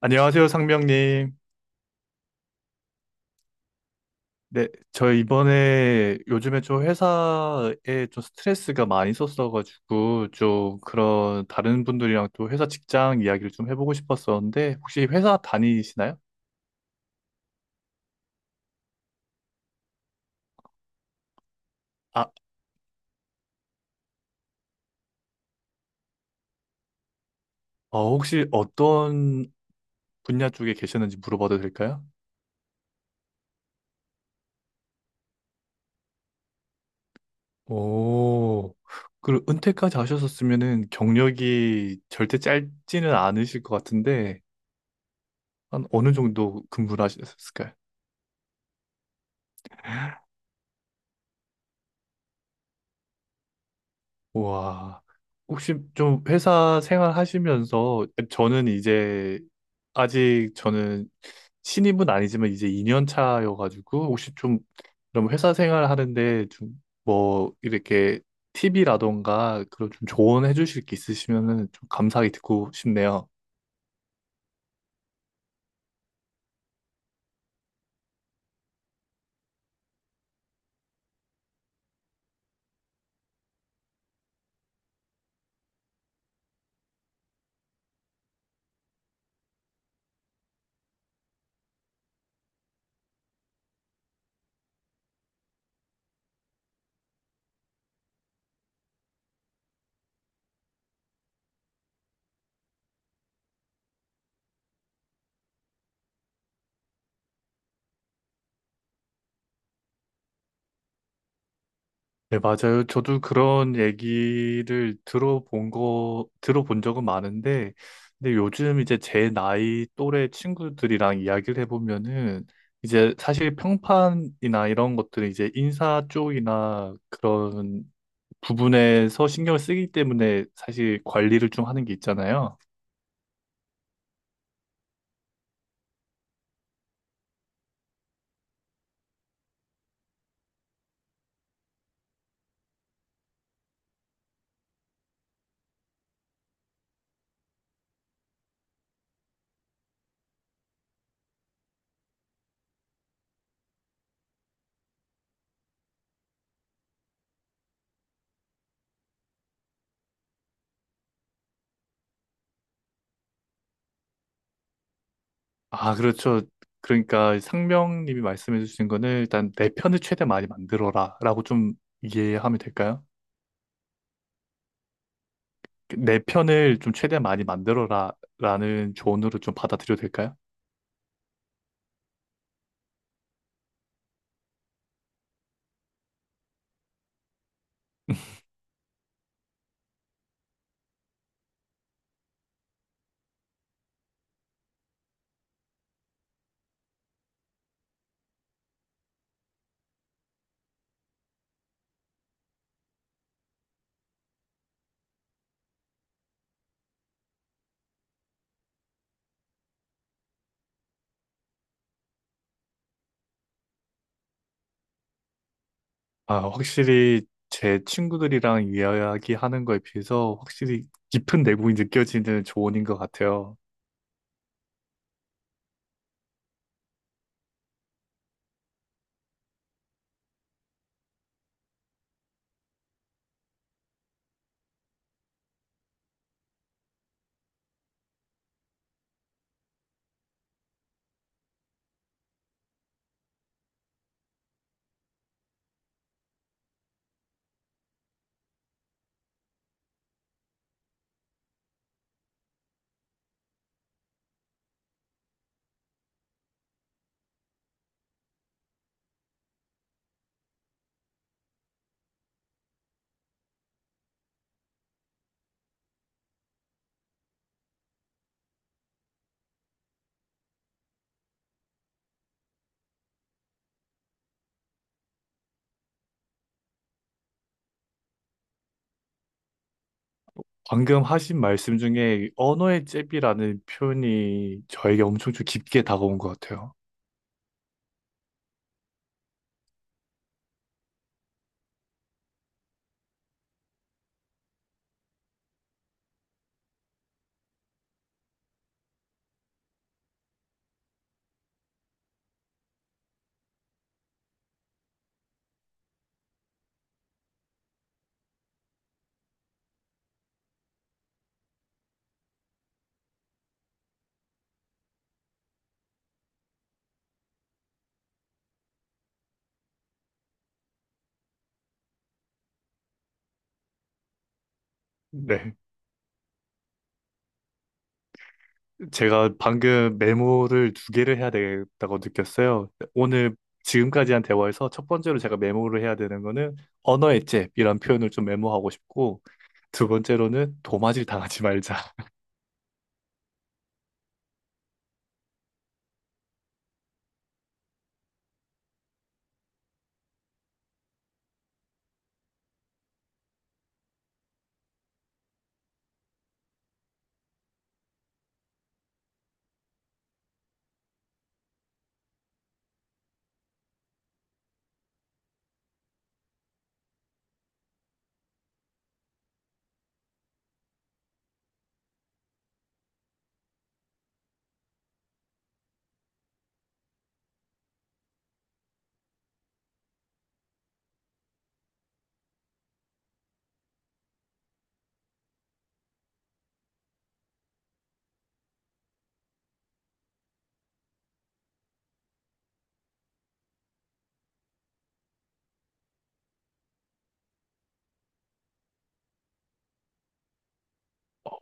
안녕하세요, 상명님. 네, 저 이번에 요즘에 좀 회사에 좀 스트레스가 많이 있었어가지고 좀 그런 다른 분들이랑 또 회사 직장 이야기를 좀 해보고 싶었었는데 혹시 회사 다니시나요? 아, 혹시 어떤 분야 쪽에 계셨는지 물어봐도 될까요? 오, 그리고 은퇴까지 하셨었으면은 경력이 절대 짧지는 않으실 것 같은데 한 어느 정도 근무를 하셨을까요? 와, 혹시 좀 회사 생활하시면서 저는 이제 아직 저는 신입은 아니지만 이제 2년 차여가지고 혹시 좀 그럼 회사 생활하는데 좀 뭐 이렇게 팁이라던가 그런 좀 조언해 주실 게 있으시면은 좀 감사하게 듣고 싶네요. 네, 맞아요. 저도 그런 얘기를 들어본 적은 많은데, 근데 요즘 이제 제 나이 또래 친구들이랑 이야기를 해보면은, 이제 사실 평판이나 이런 것들은 이제 인사 쪽이나 그런 부분에서 신경을 쓰기 때문에 사실 관리를 좀 하는 게 있잖아요. 아, 그렇죠. 그러니까 상명님이 말씀해 주신 거는 일단 내 편을 최대 많이 만들어라 라고 좀 이해하면 될까요? 내 편을 좀 최대한 많이 만들어라 라는 조언으로 좀 받아들여도 될까요? 아, 확실히 제 친구들이랑 이야기하는 거에 비해서 확실히 깊은 내공이 느껴지는 조언인 것 같아요. 방금 하신 말씀 중에 언어의 잽이라는 표현이 저에게 엄청 좀 깊게 다가온 것 같아요. 네. 제가 방금 메모를 두 개를 해야 되겠다고 느꼈어요. 오늘 지금까지 한 대화에서 첫 번째로 제가 메모를 해야 되는 거는 언어의 잽이란 표현을 좀 메모하고 싶고, 두 번째로는 도마질 당하지 말자.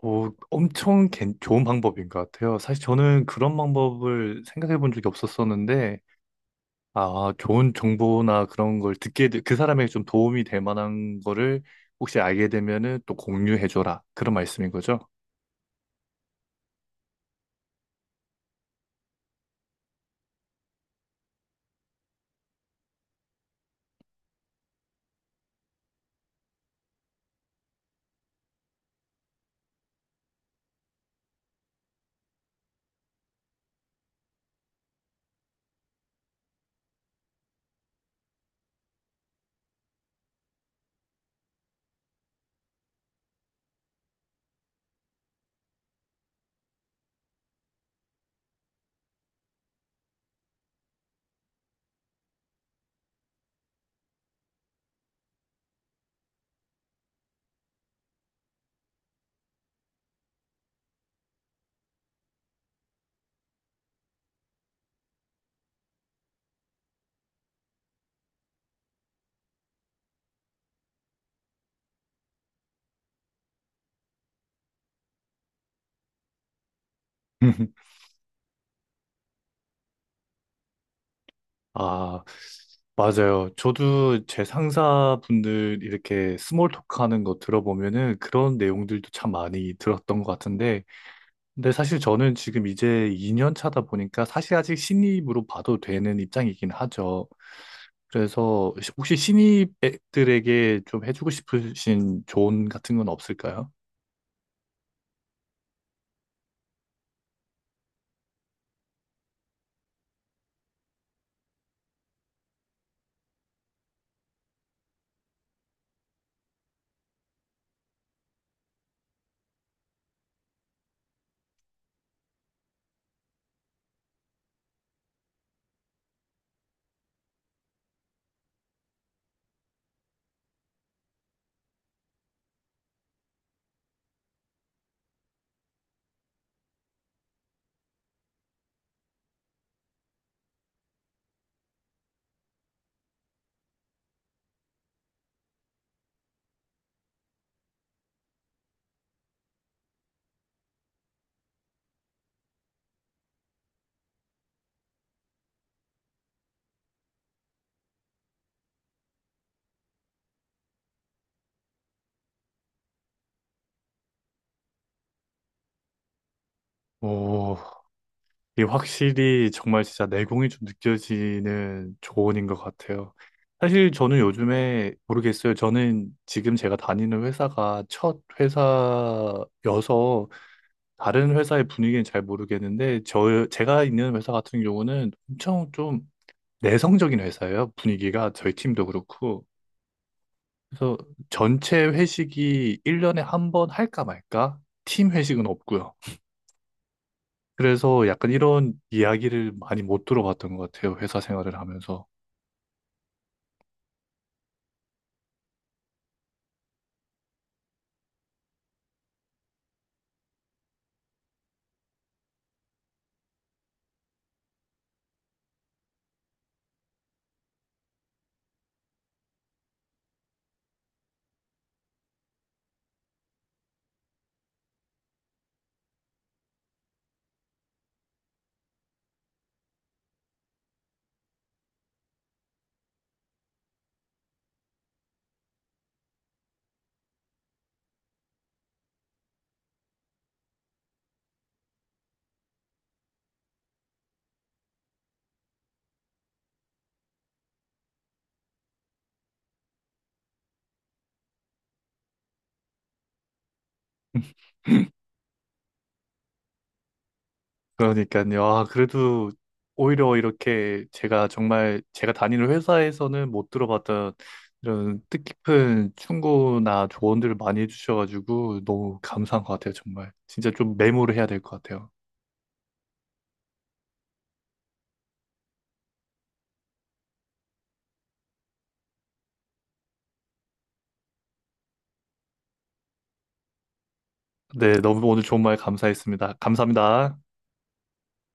엄청 좋은 방법인 것 같아요. 사실 저는 그런 방법을 생각해 본 적이 없었었는데, 아, 좋은 정보나 그런 걸 그 사람에게 좀 도움이 될 만한 거를 혹시 알게 되면은 또 공유해 줘라. 그런 말씀인 거죠? 아, 맞아요. 저도 제 상사분들 이렇게 스몰 토크 하는 거 들어보면은 그런 내용들도 참 많이 들었던 것 같은데, 근데 사실 저는 지금 이제 2년 차다 보니까 사실 아직 신입으로 봐도 되는 입장이긴 하죠. 그래서 혹시 신입들에게 좀 해주고 싶으신 조언 같은 건 없을까요? 오, 이게 확실히 정말 진짜 내공이 좀 느껴지는 조언인 것 같아요. 사실 저는 요즘에 모르겠어요. 저는 지금 제가 다니는 회사가 첫 회사여서 다른 회사의 분위기는 잘 모르겠는데 제가 있는 회사 같은 경우는 엄청 좀 내성적인 회사예요. 분위기가 저희 팀도 그렇고. 그래서 전체 회식이 1년에 한 번 할까 말까? 팀 회식은 없고요. 그래서 약간 이런 이야기를 많이 못 들어봤던 것 같아요. 회사 생활을 하면서. 그러니까요. 아, 그래도 오히려 이렇게 제가 다니는 회사에서는 못 들어봤던 이런 뜻깊은 충고나 조언들을 많이 해주셔가지고 너무 감사한 것 같아요. 정말. 진짜 좀 메모를 해야 될 것 같아요. 네, 너무 오늘 좋은 말 감사했습니다. 감사합니다.